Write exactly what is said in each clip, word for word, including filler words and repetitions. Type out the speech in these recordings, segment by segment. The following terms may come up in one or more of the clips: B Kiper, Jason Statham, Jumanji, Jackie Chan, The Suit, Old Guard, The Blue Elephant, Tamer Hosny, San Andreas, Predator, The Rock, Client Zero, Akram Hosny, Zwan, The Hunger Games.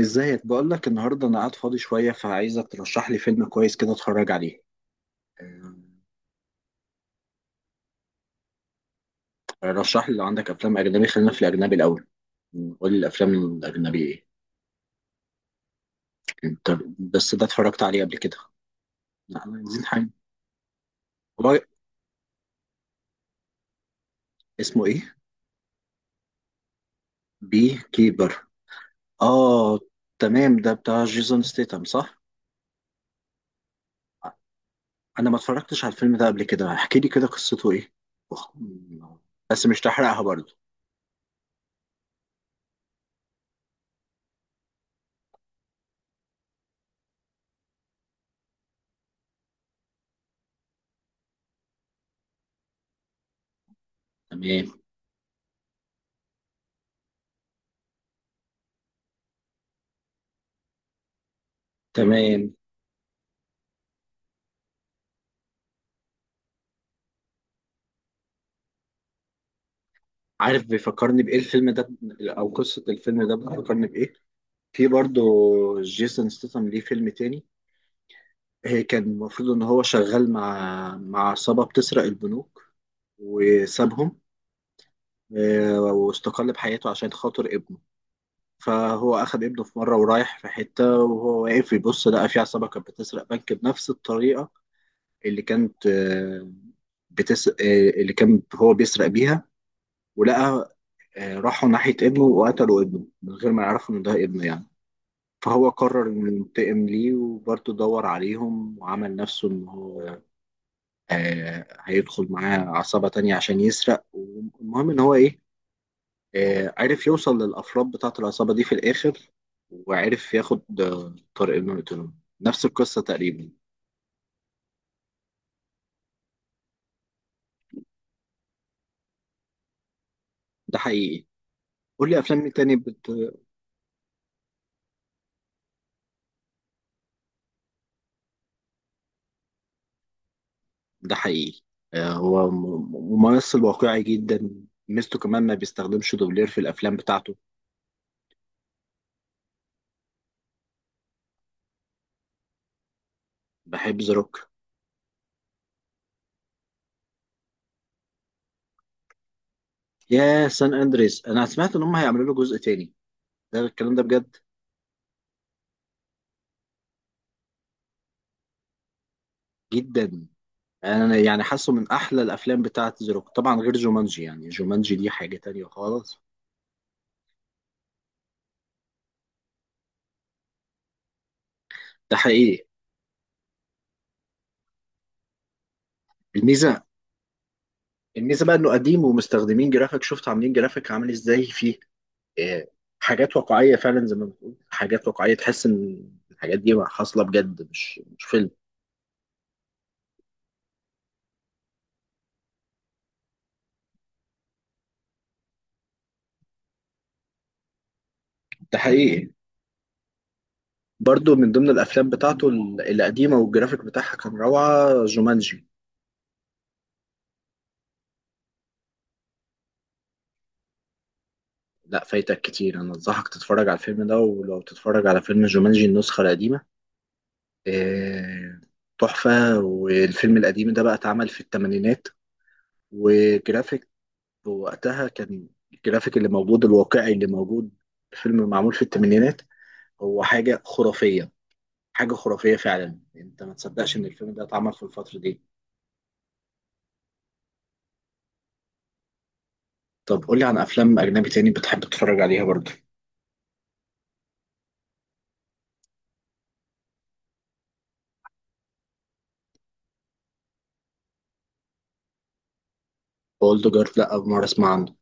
ازيك؟ بقول لك النهارده انا قاعد فاضي شويه فعايزك ترشح لي فيلم كويس كده اتفرج عليه. آه. رشح لي لو عندك افلام اجنبي، خلينا في الاجنبي الاول. قول لي الافلام الاجنبي ايه؟ انت. بس ده اتفرجت عليه قبل كده. لا، انا عايزين حاجه. هو. اسمه ايه؟ بي كيبر. اه. تمام، ده بتاع جيسون ستيتم صح؟ انا ما اتفرجتش على الفيلم ده قبل كده، احكي لي كده قصته ايه؟ أخ، بس مش تحرقها برضو. تمام. تمام. عارف بيفكرني بإيه الفيلم ده؟ أو قصة الفيلم ده بتفكرني بإيه؟ في برضه. جيسون ستاثام ليه فيلم تاني. هي كان المفروض إن هو شغال مع مع عصابة بتسرق البنوك. وسابهم. آه، واستقل بحياته عشان خاطر ابنه. فهو أخد ابنه في مرة ورايح في حتة وهو واقف يبص لقى في عصابة كانت بتسرق بنك بنفس الطريقة اللي كانت آه، بتس... آه، اللي كان هو بيسرق بيها. ولقى آه، راحوا ناحية ابنه وقتلوا ابنه من غير ما يعرفوا إن ده ابنه يعني. فهو قرر انه ينتقم ليه، وبرضه دور عليهم وعمل نفسه ان هو آه هيدخل معاه عصابة تانية عشان يسرق. والمهم ان هو ايه؟ آه عرف يوصل للافراد بتاعة العصابة دي في الاخر، وعرف ياخد آه، طارق انه يقتله. نفس القصة تقريبا. ده حقيقي. قول لي افلام مين تاني بت... ده حقيقي. آه هو م- م- ممثل واقعي جدا. ميزته كمان ما بيستخدمش دوبلير في الافلام بتاعته. بحب ذا روك. يا سان اندريس، انا سمعت ان هم هيعملوا له جزء تاني. ده الكلام ده بجد؟ جدا. انا يعني حاسه من احلى الافلام بتاعه زيروك طبعا غير جومانجي، يعني جومانجي دي حاجه تانية خالص. ده حقيقي. الميزه الميزه بقى انه قديم ومستخدمين جرافيك، شفت عاملين جرافيك عامل ازاي فيه؟ آه، حاجات واقعيه فعلا زي ما بتقول حاجات واقعيه تحس ان الحاجات دي حاصله بجد مش مش فيلم. ده حقيقي. برضو من ضمن الافلام بتاعته ال- القديمه والجرافيك بتاعها كان روعه، جومانجي. لا، فايتك كتير. انا انصحك تتفرج على الفيلم ده، ولو تتفرج على فيلم جومانجي النسخه القديمه. آه، تحفة. والفيلم القديم ده بقى اتعمل في الثمانينات. وجرافيك. وقتها كان الجرافيك اللي موجود، الواقعي اللي موجود. فيلم معمول في الثمانينات. هو حاجة خرافية. حاجة خرافية فعلا، انت ما تصدقش ان الفيلم ده اتعمل في الفترة دي. طب قول لي عن افلام اجنبي تاني بتحب تتفرج عليها برضه؟ اولد جارد؟ لا، اول مرة اسمع عنه.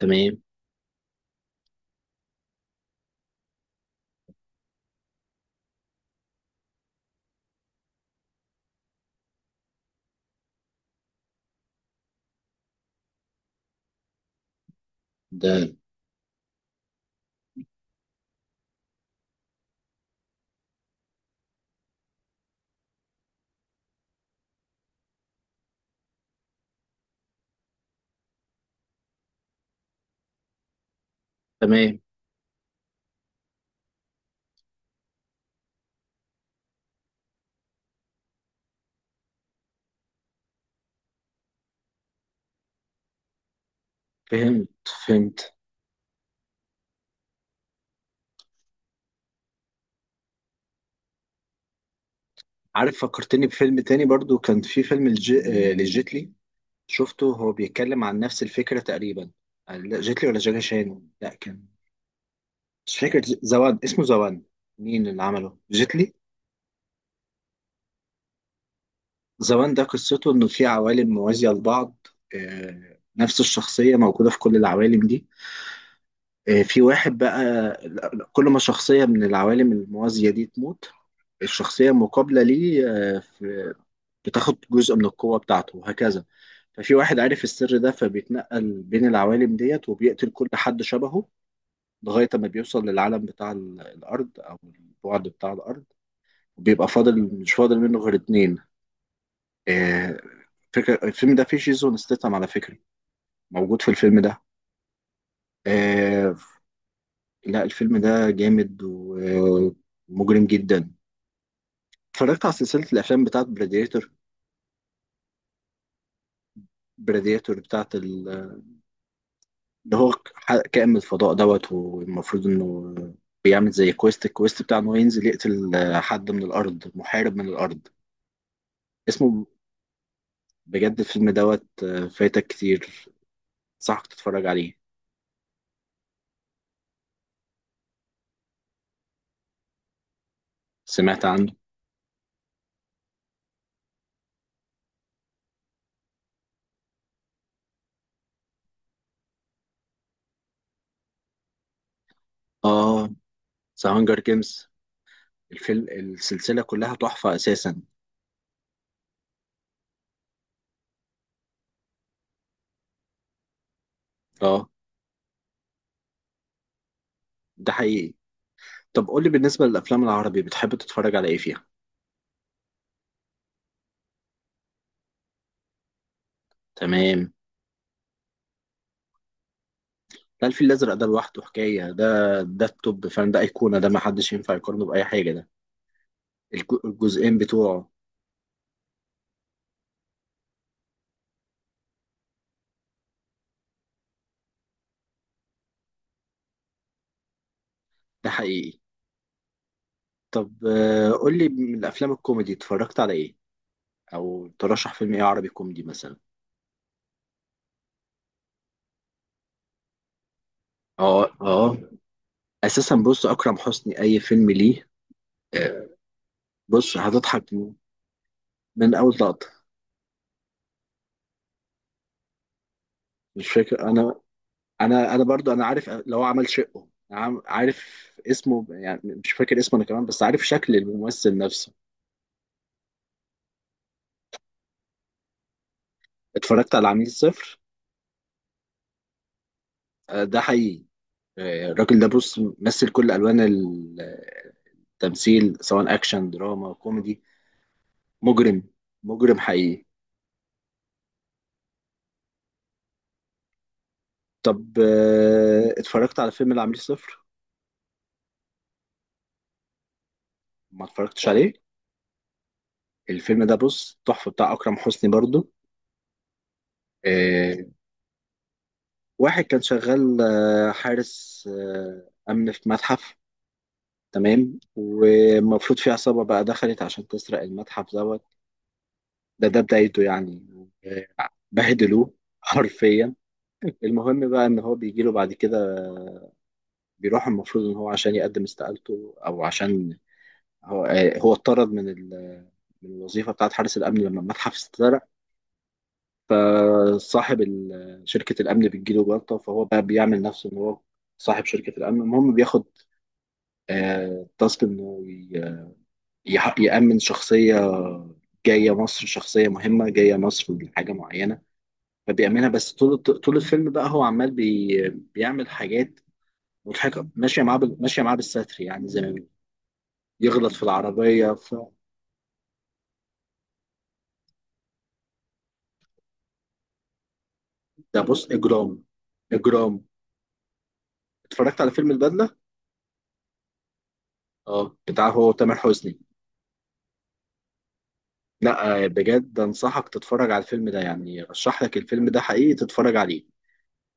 تمام. ده. تمام. فهمت. فهمت. عارف فكرتني بفيلم تاني برضه، كان في فيلم الج... لجيتلي. شفته، هو بيتكلم عن نفس الفكرة تقريبا. لا جيتلي ولا جاكي شان، لا كان. مش فاكر ج- زوان، اسمه زوان. مين اللي عمله جيتلي؟ زوان ده قصته انه في عوالم موازية لبعض. آه، نفس الشخصية موجودة في كل العوالم دي. آه، في واحد بقى. لا- كل ما شخصية من العوالم الموازية دي تموت، الشخصية المقابلة ليه آه، في- بتاخد جزء من القوة بتاعته وهكذا. ففي واحد عارف السر ده، فبيتنقل بين العوالم ديت وبيقتل كل حد شبهه. لغاية ما بيوصل للعالم بتاع ال- الأرض أو البعد بتاع الأرض. وبيبقى فاضل، مش فاضل منه غير اتنين. آه، فكرة الفيلم ده فيه جيسون ستيتم على فكرة، موجود في الفيلم ده. آه، لا، الفيلم ده جامد ومجرم جدا. اتفرجت على سلسلة الأفلام بتاعت براديتور؟ براديتور بتاعت ال- اللي هو ح- كائن من الفضاء دوت، والمفروض إنه بيعمل زي كويست، الكويست بتاع إنه ينزل يقتل آه، حد من الأرض، محارب من الأرض. اسمه. بجد الفيلم دوت آه، فايتك كتير. صح تتفرج عليه. سمعت عنه. اه. ذا هانجر جيمز. الفيلم السلسلة كلها تحفة أساسا. اه. ده حقيقي. طب قولي بالنسبة للأفلام العربي بتحب تتفرج على إيه فيها؟ تمام. لا، الفيل الأزرق ده لوحده حكاية ده. ده التوب، فاهم؟ ده أيقونة، ده محدش ينفع يقارنه بأي حاجة ده. الج- الجزئين بتوعه. ده حقيقي. طب آه، قولي من الأفلام الكوميدي اتفرجت على إيه؟ أو ترشح فيلم إيه عربي كوميدي مثلا؟ اه. اه. اساسا بص، اكرم حسني اي فيلم ليه. آه، بص هتضحك من اول لقطه. مش فاكر انا. انا انا برضو انا عارف لو عمل شقه عام- عارف اسمه، يعني مش فاكر اسمه انا كمان، بس عارف شكل الممثل نفسه. اتفرجت على عميل صفر؟ آه، ده حقيقي. آه، الراجل ده بص مثل كل الوان ال- التمثيل، سواء اكشن دراما كوميدي. مجرم. مجرم حقيقي. طب آه، اتفرجت على فيلم العميل صفر؟ ما اتفرجتش عليه. الفيلم ده بص تحفة بتاع أكرم حسني برضو. آه، واحد كان شغال آه، حارس آه، أمن في متحف. تمام، ومفروض في عصابة بقى دخلت عشان تسرق المتحف دوت. ده ده بدايته يعني. آه، بهدلوه حرفيا. المهم بقى إن هو بيجيله بعد كده. بيروح المفروض إن هو عشان يقدم استقالته أو عشان هو آه، هو اتطرد من ال- من الوظيفة بتاعت حارس الأمن لما المتحف اتسرق. فصاحب ال- شركة الأمن بتجيله جلطة، فهو بقى بيعمل نفسه إن هو صاحب شركة الأمن. المهم بياخد آه، تاسك إنه ي- يح- يأمن شخصية جاية مصر، شخصية مهمة جاية مصر لحاجة معينة. فبيعملها، بس طول طول الفيلم بقى هو عمال بي بيعمل حاجات مضحكة ماشية معاه بال- ماشية معاه بالستر، يعني زي ما بيقولوا. يغلط في العربية ف... ده بص إجرام. إجرام. اتفرجت على فيلم البدلة؟ اه، بتاع هو تامر حسني. لا. آه، بجد انصحك تتفرج على الفيلم ده، يعني ارشح لك الفيلم ده حقيقي تتفرج عليه.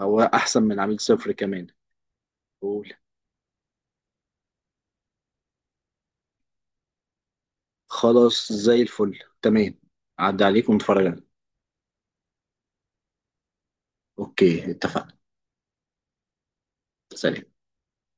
هو احسن من عميل صفر كمان. قول. خلاص زي الفل، تمام. عدى عليك ونتفرج عليه. اوكي، اتفقنا. سلام.